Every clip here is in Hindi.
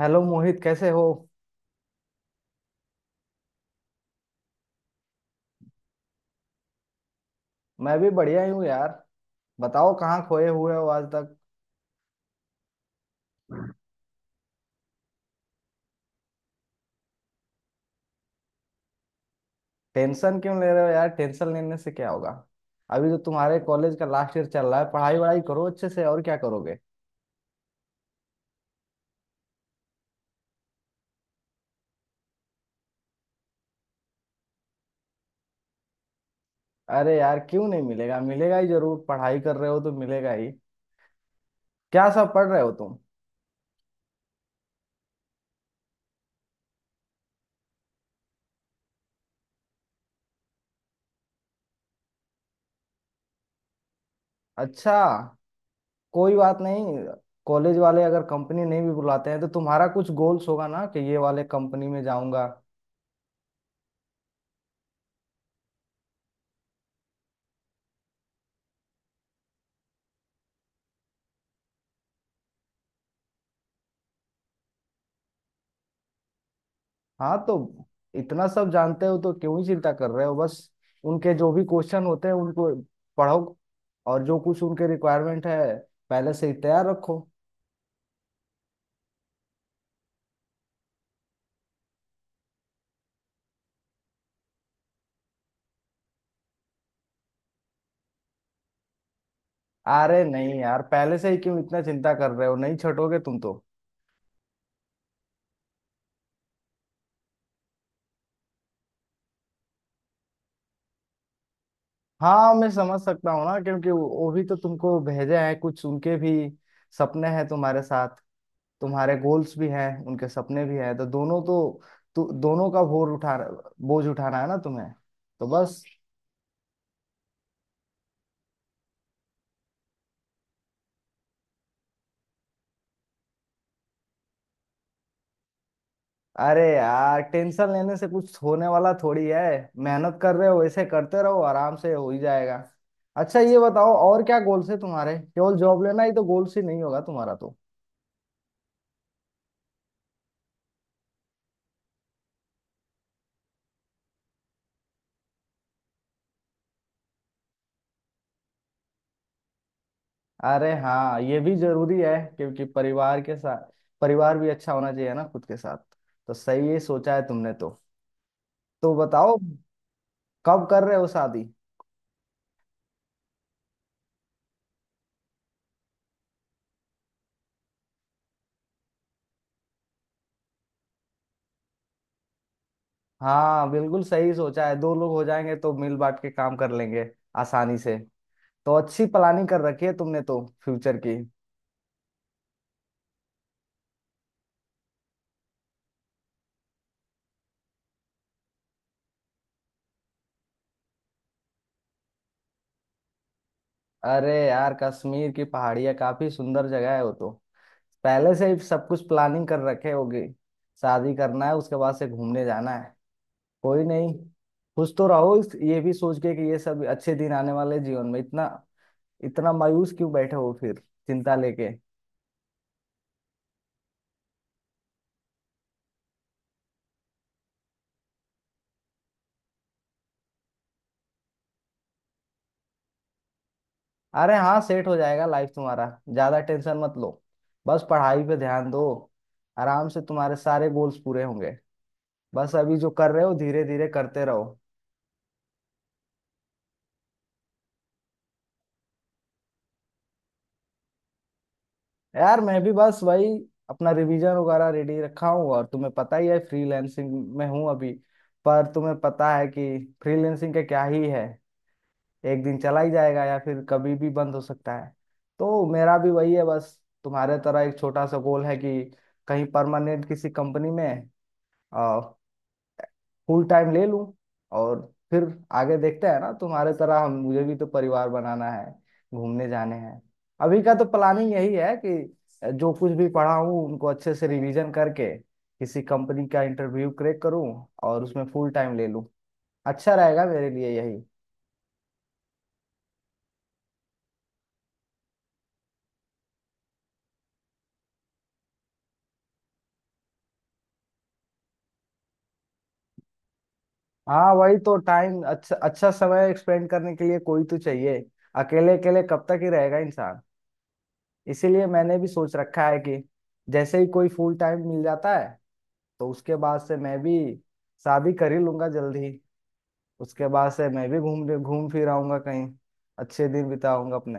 हेलो मोहित, कैसे हो। मैं भी बढ़िया ही हूँ यार। बताओ कहाँ खोए हुए हो आज तक। टेंशन क्यों ले रहे हो यार, टेंशन लेने से क्या होगा। अभी तो तुम्हारे कॉलेज का लास्ट ईयर चल रहा है, पढ़ाई वढ़ाई करो अच्छे से, और क्या करोगे। अरे यार क्यों नहीं मिलेगा, मिलेगा ही जरूर, पढ़ाई कर रहे हो तो मिलेगा ही। क्या सब पढ़ रहे हो तुम। अच्छा, कोई बात नहीं। कॉलेज वाले अगर कंपनी नहीं भी बुलाते हैं तो तुम्हारा कुछ गोल्स होगा ना कि ये वाले कंपनी में जाऊंगा। हाँ तो इतना सब जानते हो तो क्यों ही चिंता कर रहे हो। बस उनके जो भी क्वेश्चन होते हैं उनको पढ़ो, और जो कुछ उनके रिक्वायरमेंट है पहले से ही तैयार रखो। अरे नहीं यार, पहले से ही क्यों इतना चिंता कर रहे हो, नहीं छटोगे तुम तो। हाँ मैं समझ सकता हूँ ना, क्योंकि वो भी तो तुमको भेजे हैं, कुछ उनके भी सपने हैं तुम्हारे साथ। तुम्हारे गोल्स भी हैं, उनके सपने भी हैं, तो दोनों तो, दोनों का बोझ उठाना है ना तुम्हें, तो बस। अरे यार, टेंशन लेने से कुछ होने वाला थोड़ी है। मेहनत कर रहे हो, ऐसे करते रहो, आराम से हो ही जाएगा। अच्छा ये बताओ, और क्या गोल्स है तुम्हारे, केवल जॉब लेना ही तो गोल्स ही नहीं होगा तुम्हारा तो। अरे हाँ, ये भी जरूरी है, क्योंकि परिवार के साथ, परिवार भी अच्छा होना चाहिए ना खुद के साथ। तो सही ही सोचा है तुमने तो। तो बताओ, कब कर रहे हो शादी। हाँ बिल्कुल सही सोचा है, दो लोग हो जाएंगे तो मिल बांट के काम कर लेंगे आसानी से। तो अच्छी प्लानिंग कर रखी है तुमने तो फ्यूचर की। अरे यार, कश्मीर की पहाड़ियाँ काफी सुंदर जगह है वो तो। पहले से ही सब कुछ प्लानिंग कर रखे होगी, शादी करना है, उसके बाद से घूमने जाना है। कोई नहीं, खुश तो रहो ये भी सोच के कि ये सब अच्छे दिन आने वाले जीवन में, इतना इतना मायूस क्यों बैठे हो फिर चिंता लेके। अरे हाँ, सेट हो जाएगा लाइफ तुम्हारा। ज्यादा टेंशन मत लो, बस पढ़ाई पे ध्यान दो, आराम से तुम्हारे सारे गोल्स पूरे होंगे। बस अभी जो कर रहे हो धीरे धीरे करते रहो। यार मैं भी बस वही, अपना रिवीजन वगैरह रेडी रखा हूँ, और तुम्हें पता ही है फ्रीलैंसिंग में हूँ अभी। पर तुम्हें पता है कि फ्रीलैंसिंग का क्या ही है, एक दिन चला ही जाएगा या फिर कभी भी बंद हो सकता है। तो मेरा भी वही है बस, तुम्हारे तरह एक छोटा सा गोल है कि कहीं परमानेंट किसी कंपनी में फुल टाइम ले लूं, और फिर आगे देखते हैं। ना तुम्हारे तरह हम, मुझे भी तो परिवार बनाना है, घूमने जाने हैं। अभी का तो प्लानिंग यही है कि जो कुछ भी पढ़ा हूँ उनको अच्छे से रिवीजन करके किसी कंपनी का इंटरव्यू क्रैक करूँ और उसमें फुल टाइम ले लूं, अच्छा रहेगा मेरे लिए यही। हाँ वही तो, टाइम अच्छा, अच्छा समय स्पेंड करने के लिए कोई तो चाहिए। अकेले अकेले कब तक ही रहेगा इंसान। इसीलिए मैंने भी सोच रखा है कि जैसे ही कोई फुल टाइम मिल जाता है तो उसके बाद से मैं भी शादी कर ही लूंगा जल्दी। उसके बाद से मैं भी घूम घूम फिर आऊंगा कहीं, अच्छे दिन बिताऊंगा अपने।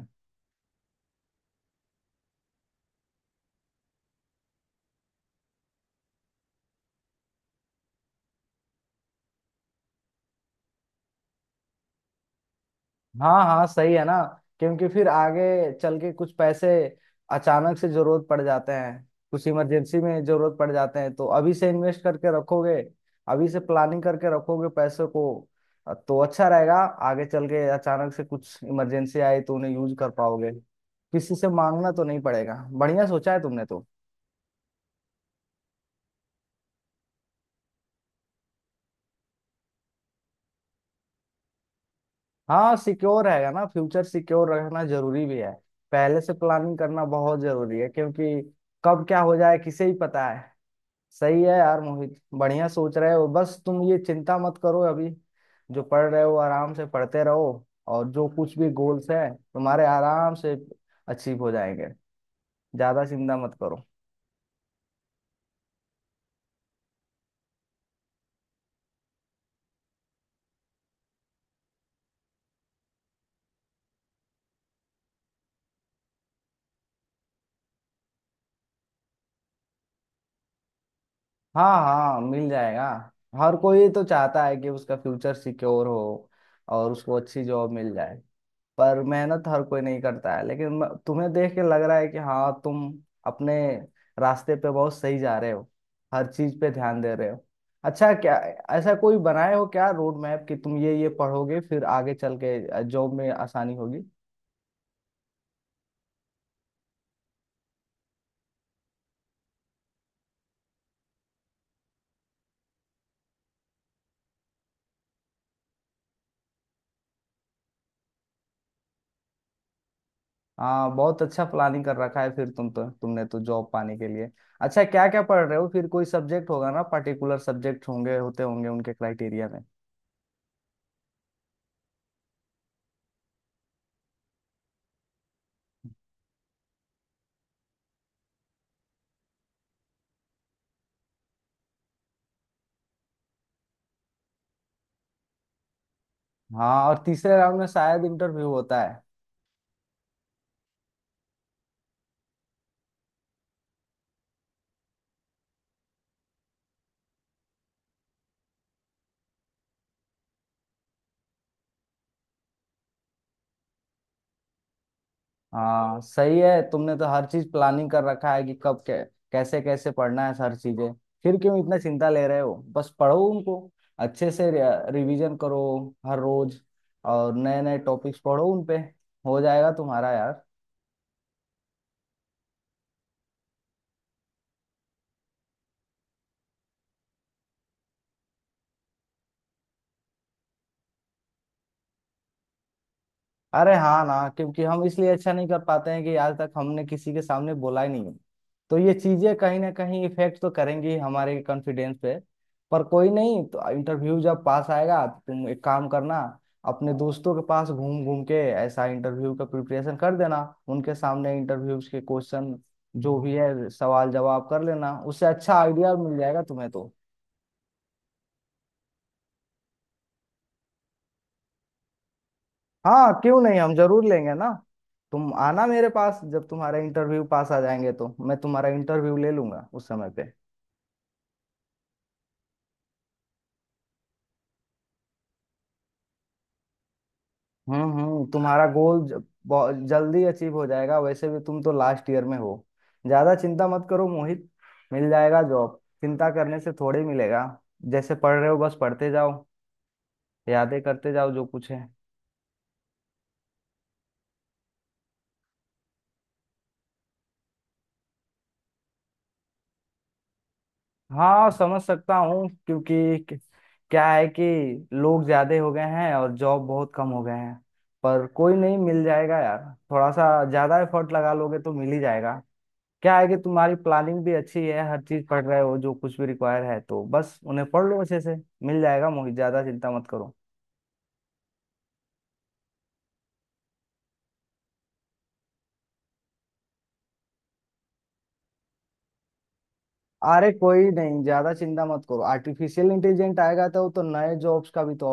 हाँ हाँ, सही है ना, क्योंकि फिर आगे चल के कुछ पैसे अचानक से जरूरत पड़ जाते हैं, कुछ इमरजेंसी में जरूरत पड़ जाते हैं, तो अभी से इन्वेस्ट करके रखोगे, अभी से प्लानिंग करके रखोगे पैसों को, तो अच्छा रहेगा। आगे चल के अचानक से कुछ इमरजेंसी आए तो उन्हें यूज कर पाओगे, किसी से मांगना तो नहीं पड़ेगा। बढ़िया सोचा है तुमने तो। हाँ सिक्योर रहेगा ना, फ्यूचर सिक्योर रखना जरूरी भी है। पहले से प्लानिंग करना बहुत जरूरी है, क्योंकि कब क्या हो जाए किसे ही पता है। सही है यार मोहित, बढ़िया सोच रहे हो, बस तुम ये चिंता मत करो अभी। जो पढ़ रहे हो आराम से पढ़ते रहो, और जो कुछ भी गोल्स हैं तुम्हारे आराम से अचीव हो जाएंगे। ज्यादा चिंता मत करो। हाँ हाँ मिल जाएगा। हर कोई तो चाहता है कि उसका फ्यूचर सिक्योर हो और उसको अच्छी जॉब मिल जाए, पर मेहनत हर कोई नहीं करता है। लेकिन तुम्हें देख के लग रहा है कि हाँ, तुम अपने रास्ते पे बहुत सही जा रहे हो, हर चीज पे ध्यान दे रहे हो। अच्छा, क्या ऐसा कोई बनाए हो क्या रोड मैप कि तुम ये पढ़ोगे फिर आगे चल के जॉब में आसानी होगी। हाँ बहुत अच्छा प्लानिंग कर रखा है फिर तुम तो, तुमने तो जॉब पाने के लिए। अच्छा, क्या क्या पढ़ रहे हो फिर, कोई सब्जेक्ट होगा ना, पर्टिकुलर सब्जेक्ट होंगे होते होंगे उनके क्राइटेरिया में। हाँ, और तीसरे राउंड में शायद इंटरव्यू होता है। हाँ सही है, तुमने तो हर चीज प्लानिंग कर रखा है कि कैसे कैसे पढ़ना है हर चीजें। फिर क्यों इतना चिंता ले रहे हो, बस पढ़ो उनको अच्छे से, रिवीजन करो हर रोज, और नए नए टॉपिक्स पढ़ो उनपे। हो जाएगा तुम्हारा यार। अरे हाँ ना, क्योंकि हम इसलिए अच्छा नहीं कर पाते हैं कि आज तक हमने किसी के सामने बोला ही नहीं है, तो ये चीजें कहीं ना कहीं इफेक्ट तो करेंगी ही हमारे कॉन्फिडेंस पे। पर कोई नहीं, तो इंटरव्यू जब पास आएगा तो तुम एक काम करना, अपने दोस्तों के पास घूम घूम के ऐसा इंटरव्यू का प्रिपरेशन कर देना। उनके सामने इंटरव्यू के क्वेश्चन जो भी है सवाल जवाब कर लेना, उससे अच्छा आइडिया मिल जाएगा तुम्हें तो। हाँ क्यों नहीं, हम जरूर लेंगे ना। तुम आना मेरे पास जब तुम्हारा इंटरव्यू पास आ जाएंगे, तो मैं तुम्हारा इंटरव्यू ले लूंगा उस समय पे। हम्म, तुम्हारा गोल जल्दी अचीव हो जाएगा, वैसे भी तुम तो लास्ट ईयर में हो। ज्यादा चिंता मत करो मोहित, मिल जाएगा जॉब, चिंता करने से थोड़े मिलेगा। जैसे पढ़ रहे हो बस पढ़ते जाओ, यादें करते जाओ जो कुछ है। हाँ समझ सकता हूँ, क्योंकि क्या है कि लोग ज्यादा हो गए हैं और जॉब बहुत कम हो गए हैं। पर कोई नहीं, मिल जाएगा यार, थोड़ा सा ज्यादा एफर्ट लगा लोगे तो मिल ही जाएगा। क्या है कि तुम्हारी प्लानिंग भी अच्छी है, हर चीज पढ़ रहे हो जो कुछ भी रिक्वायर है, तो बस उन्हें पढ़ लो अच्छे से। मिल जाएगा मोहित, ज्यादा चिंता मत करो। अरे कोई नहीं, ज्यादा चिंता मत करो, आर्टिफिशियल इंटेलिजेंट आएगा तो वो तो नए जॉब्स का भी तो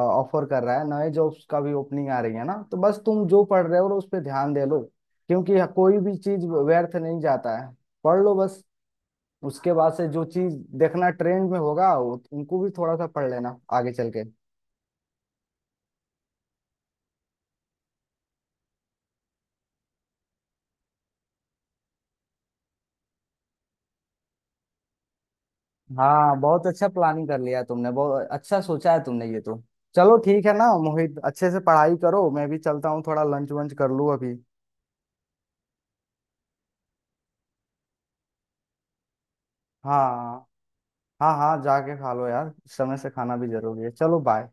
ऑफर कर रहा है, नए जॉब्स का भी ओपनिंग आ रही है ना। तो बस तुम जो पढ़ रहे हो उस पर ध्यान दे लो, क्योंकि कोई भी चीज व्यर्थ नहीं जाता है। पढ़ लो बस, उसके बाद से जो चीज देखना ट्रेंड में होगा उनको भी थोड़ा सा पढ़ लेना आगे चल के। हाँ बहुत अच्छा प्लानिंग कर लिया तुमने, बहुत अच्छा सोचा है तुमने ये तो। चलो ठीक है ना मोहित, अच्छे से पढ़ाई करो, मैं भी चलता हूँ थोड़ा लंच वंच कर लूँ अभी। हाँ हाँ हाँ, जाके खा लो यार, समय से खाना भी जरूरी है। चलो बाय।